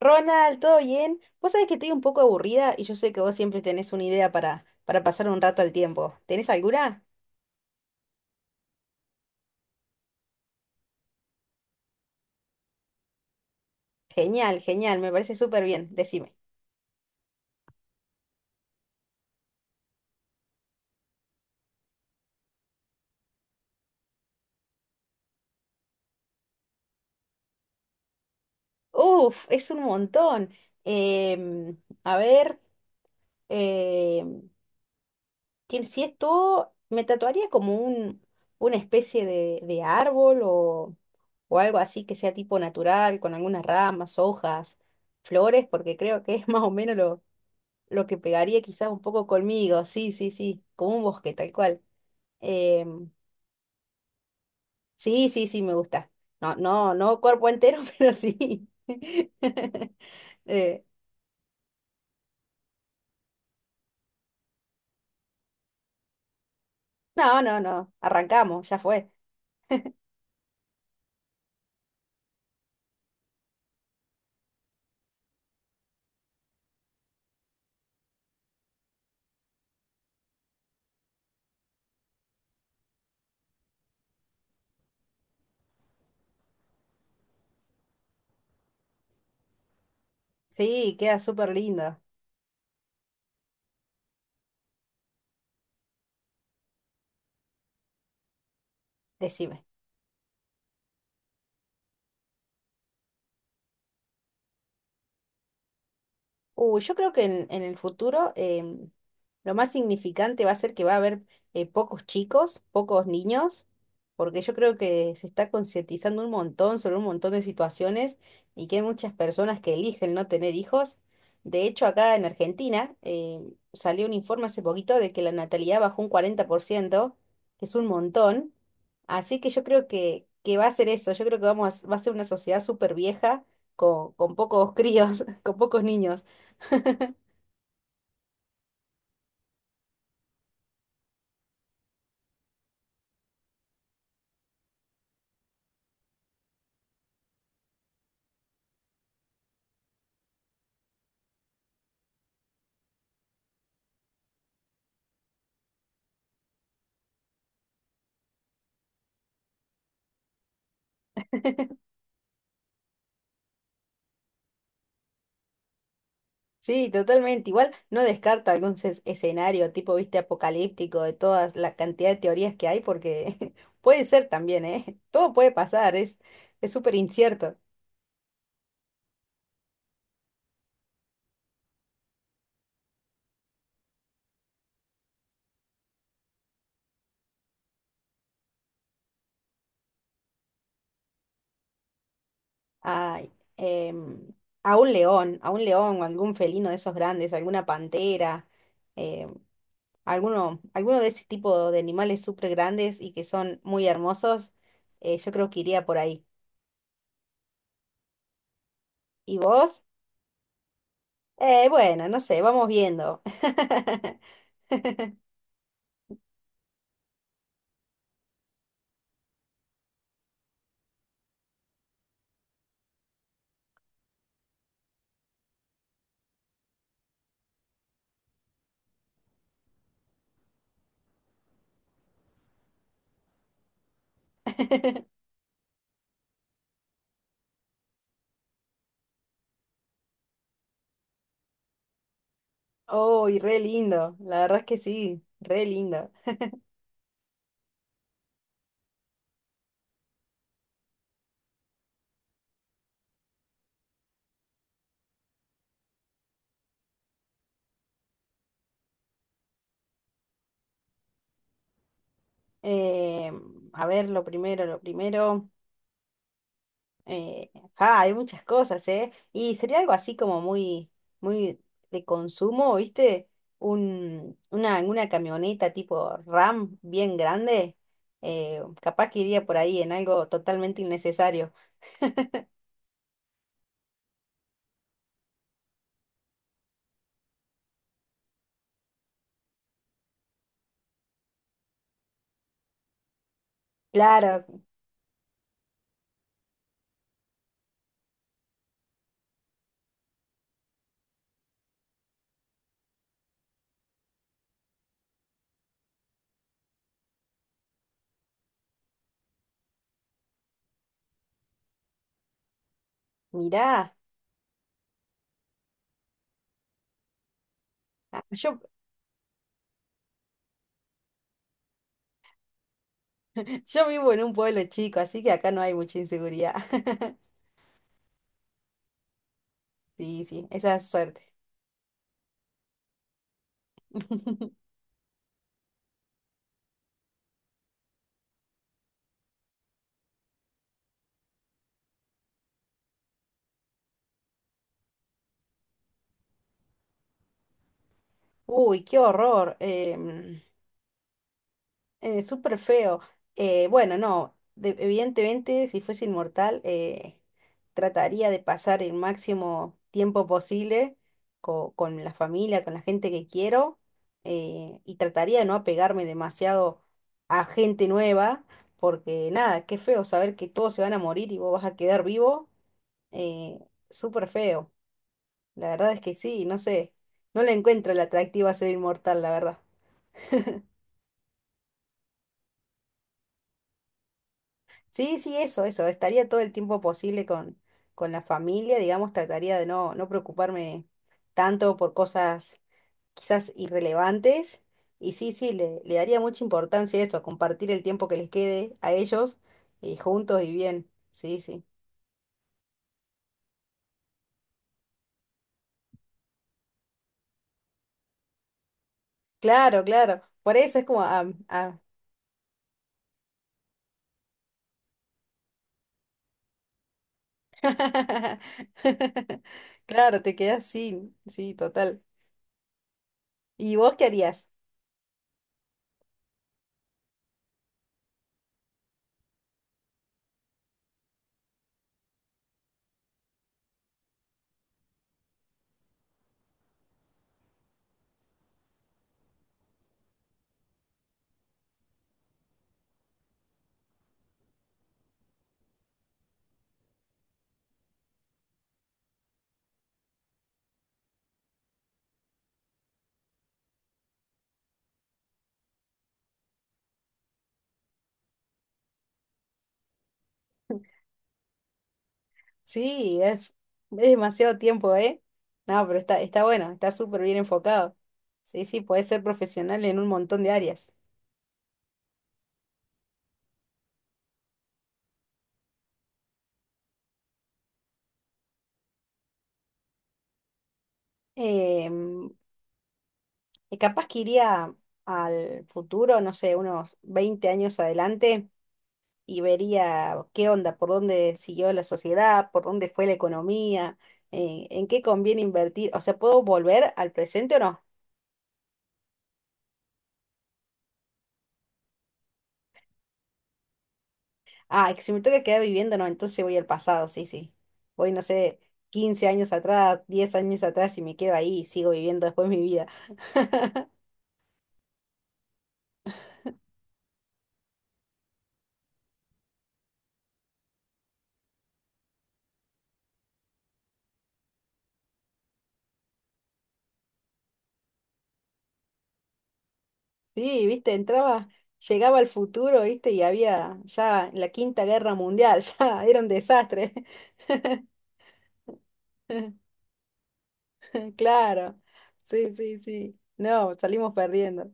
Ronald, ¿todo bien? Vos sabés que estoy un poco aburrida y yo sé que vos siempre tenés una idea para pasar un rato al tiempo. ¿Tenés alguna? Genial, genial, me parece súper bien, decime. Uf, es un montón. Em, a ver, em, si esto me tatuaría como una especie de árbol o algo así que sea tipo natural, con algunas ramas, hojas, flores, porque creo que es más o menos lo que pegaría quizás un poco conmigo, sí, sí, sí, como un bosque, tal cual. Em, sí, sí, sí, me gusta. No, no, no cuerpo entero, pero sí. Eh, no, no, no, arrancamos, ya fue. Sí, queda súper lindo, decime. Uy, yo creo que en el futuro lo más significante va a ser que va a haber pocos chicos, pocos niños, porque yo creo que se está concientizando un montón sobre un montón de situaciones y que hay muchas personas que eligen no tener hijos. De hecho, acá en Argentina salió un informe hace poquito de que la natalidad bajó un 40%, que es un montón. Así que yo creo que va a ser eso, yo creo que va a ser una sociedad súper vieja con pocos críos, con pocos niños. Sí, totalmente. Igual no descarto algún escenario tipo, viste, apocalíptico de todas la cantidad de teorías que hay, porque puede ser también, ¿eh? Todo puede pasar, es súper incierto. Ay, a un león o algún felino de esos grandes, alguna pantera, em, alguno, alguno de ese tipo de animales súper grandes y que son muy hermosos, yo creo que iría por ahí. ¿Y vos? Bueno, no sé, vamos viendo. Oh, y re lindo, la verdad es que sí, re lindo. Eh, a ver, lo primero, lo primero. eh, ah, hay muchas cosas, ¿eh? Y sería algo así como muy, muy de consumo, ¿viste? Una camioneta tipo RAM bien grande. Capaz que iría por ahí en algo totalmente innecesario. Claro, mirá, ah, yo, yo vivo en un pueblo chico, así que acá no hay mucha inseguridad. Sí, sí, esa es suerte. Uy, qué horror. Súper feo. Bueno, no, evidentemente si fuese inmortal, trataría de pasar el máximo tiempo posible con la familia, con la gente que quiero, y trataría de no apegarme demasiado a gente nueva, porque nada, qué feo saber que todos se van a morir y vos vas a quedar vivo. eh, Súper feo. La verdad es que sí, no sé, no le encuentro el atractivo a ser inmortal, la verdad. Sí, sí, eso, eso. Estaría todo el tiempo posible con la familia, digamos, trataría de no preocuparme tanto por cosas quizás irrelevantes. Y sí, sí, le daría mucha importancia a eso, a compartir el tiempo que les quede a ellos y juntos y bien. Sí, sí. Claro, claro. Por eso es como... ah, ah. Claro, te quedas sin. Sí, total. ¿Y vos qué harías? Sí, es demasiado tiempo, ¿eh? No, pero está bueno, está súper bien enfocado. Sí, sí, puedes ser profesional en un montón de áreas. Em, y capaz que iría al futuro, no sé, unos 20 años adelante y vería qué onda, por dónde siguió la sociedad, por dónde fue la economía, en qué conviene invertir. O sea, ¿puedo volver al presente o no? Ah, es que si me toca quedar viviendo, no, entonces voy al pasado, sí, sí. Voy, no sé, 15 años atrás, 10 años atrás y me quedo ahí y sigo viviendo después mi vida. Sí, viste, entraba, llegaba al futuro, viste, y había ya la Quinta Guerra Mundial, ya era un desastre. Claro, sí, sí, sí. No, salimos perdiendo.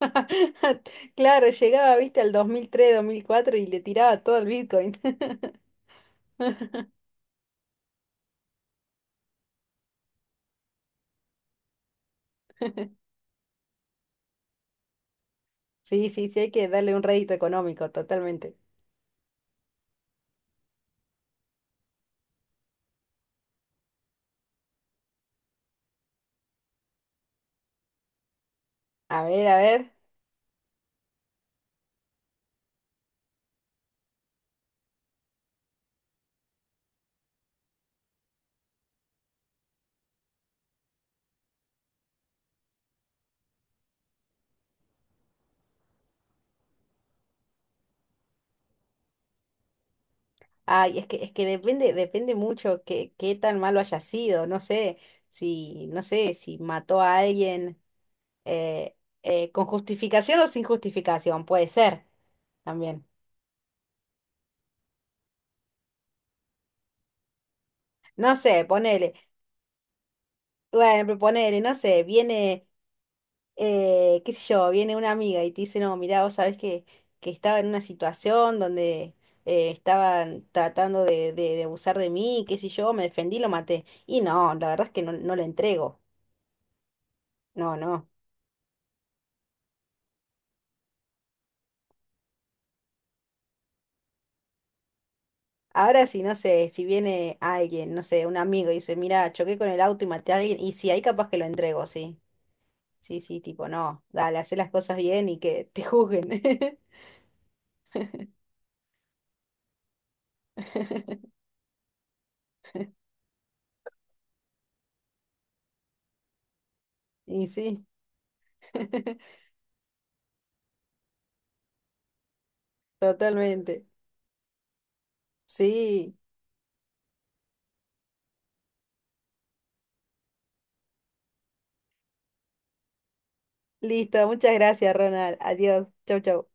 Claro, llegaba, viste, al 2003, 2004 y le tiraba todo el Bitcoin. Sí, sí, sí, hay que darle un rédito económico, totalmente. A ver, a ver. Ay, es es que depende, depende mucho que qué tan malo haya sido. No sé si, no sé, si mató a alguien eh, con justificación o sin justificación, puede ser también. No sé, ponele. Bueno, pero ponele, no sé, qué sé yo, viene una amiga y te dice, no, mirá, vos sabés que estaba en una situación donde estaban tratando de abusar de mí, qué sé yo, me defendí, lo maté. Y no, la verdad es que no, no le entrego. No, no. Ahora sí, no sé, si viene alguien, no sé, un amigo y dice, mira, choqué con el auto y maté a alguien, y si hay capaz que lo entrego, sí. Sí, sí, tipo, no, dale, hacé las cosas bien y que te juzguen. Y sí, totalmente. Sí. Listo, muchas gracias, Ronald. Adiós. Chau, chau.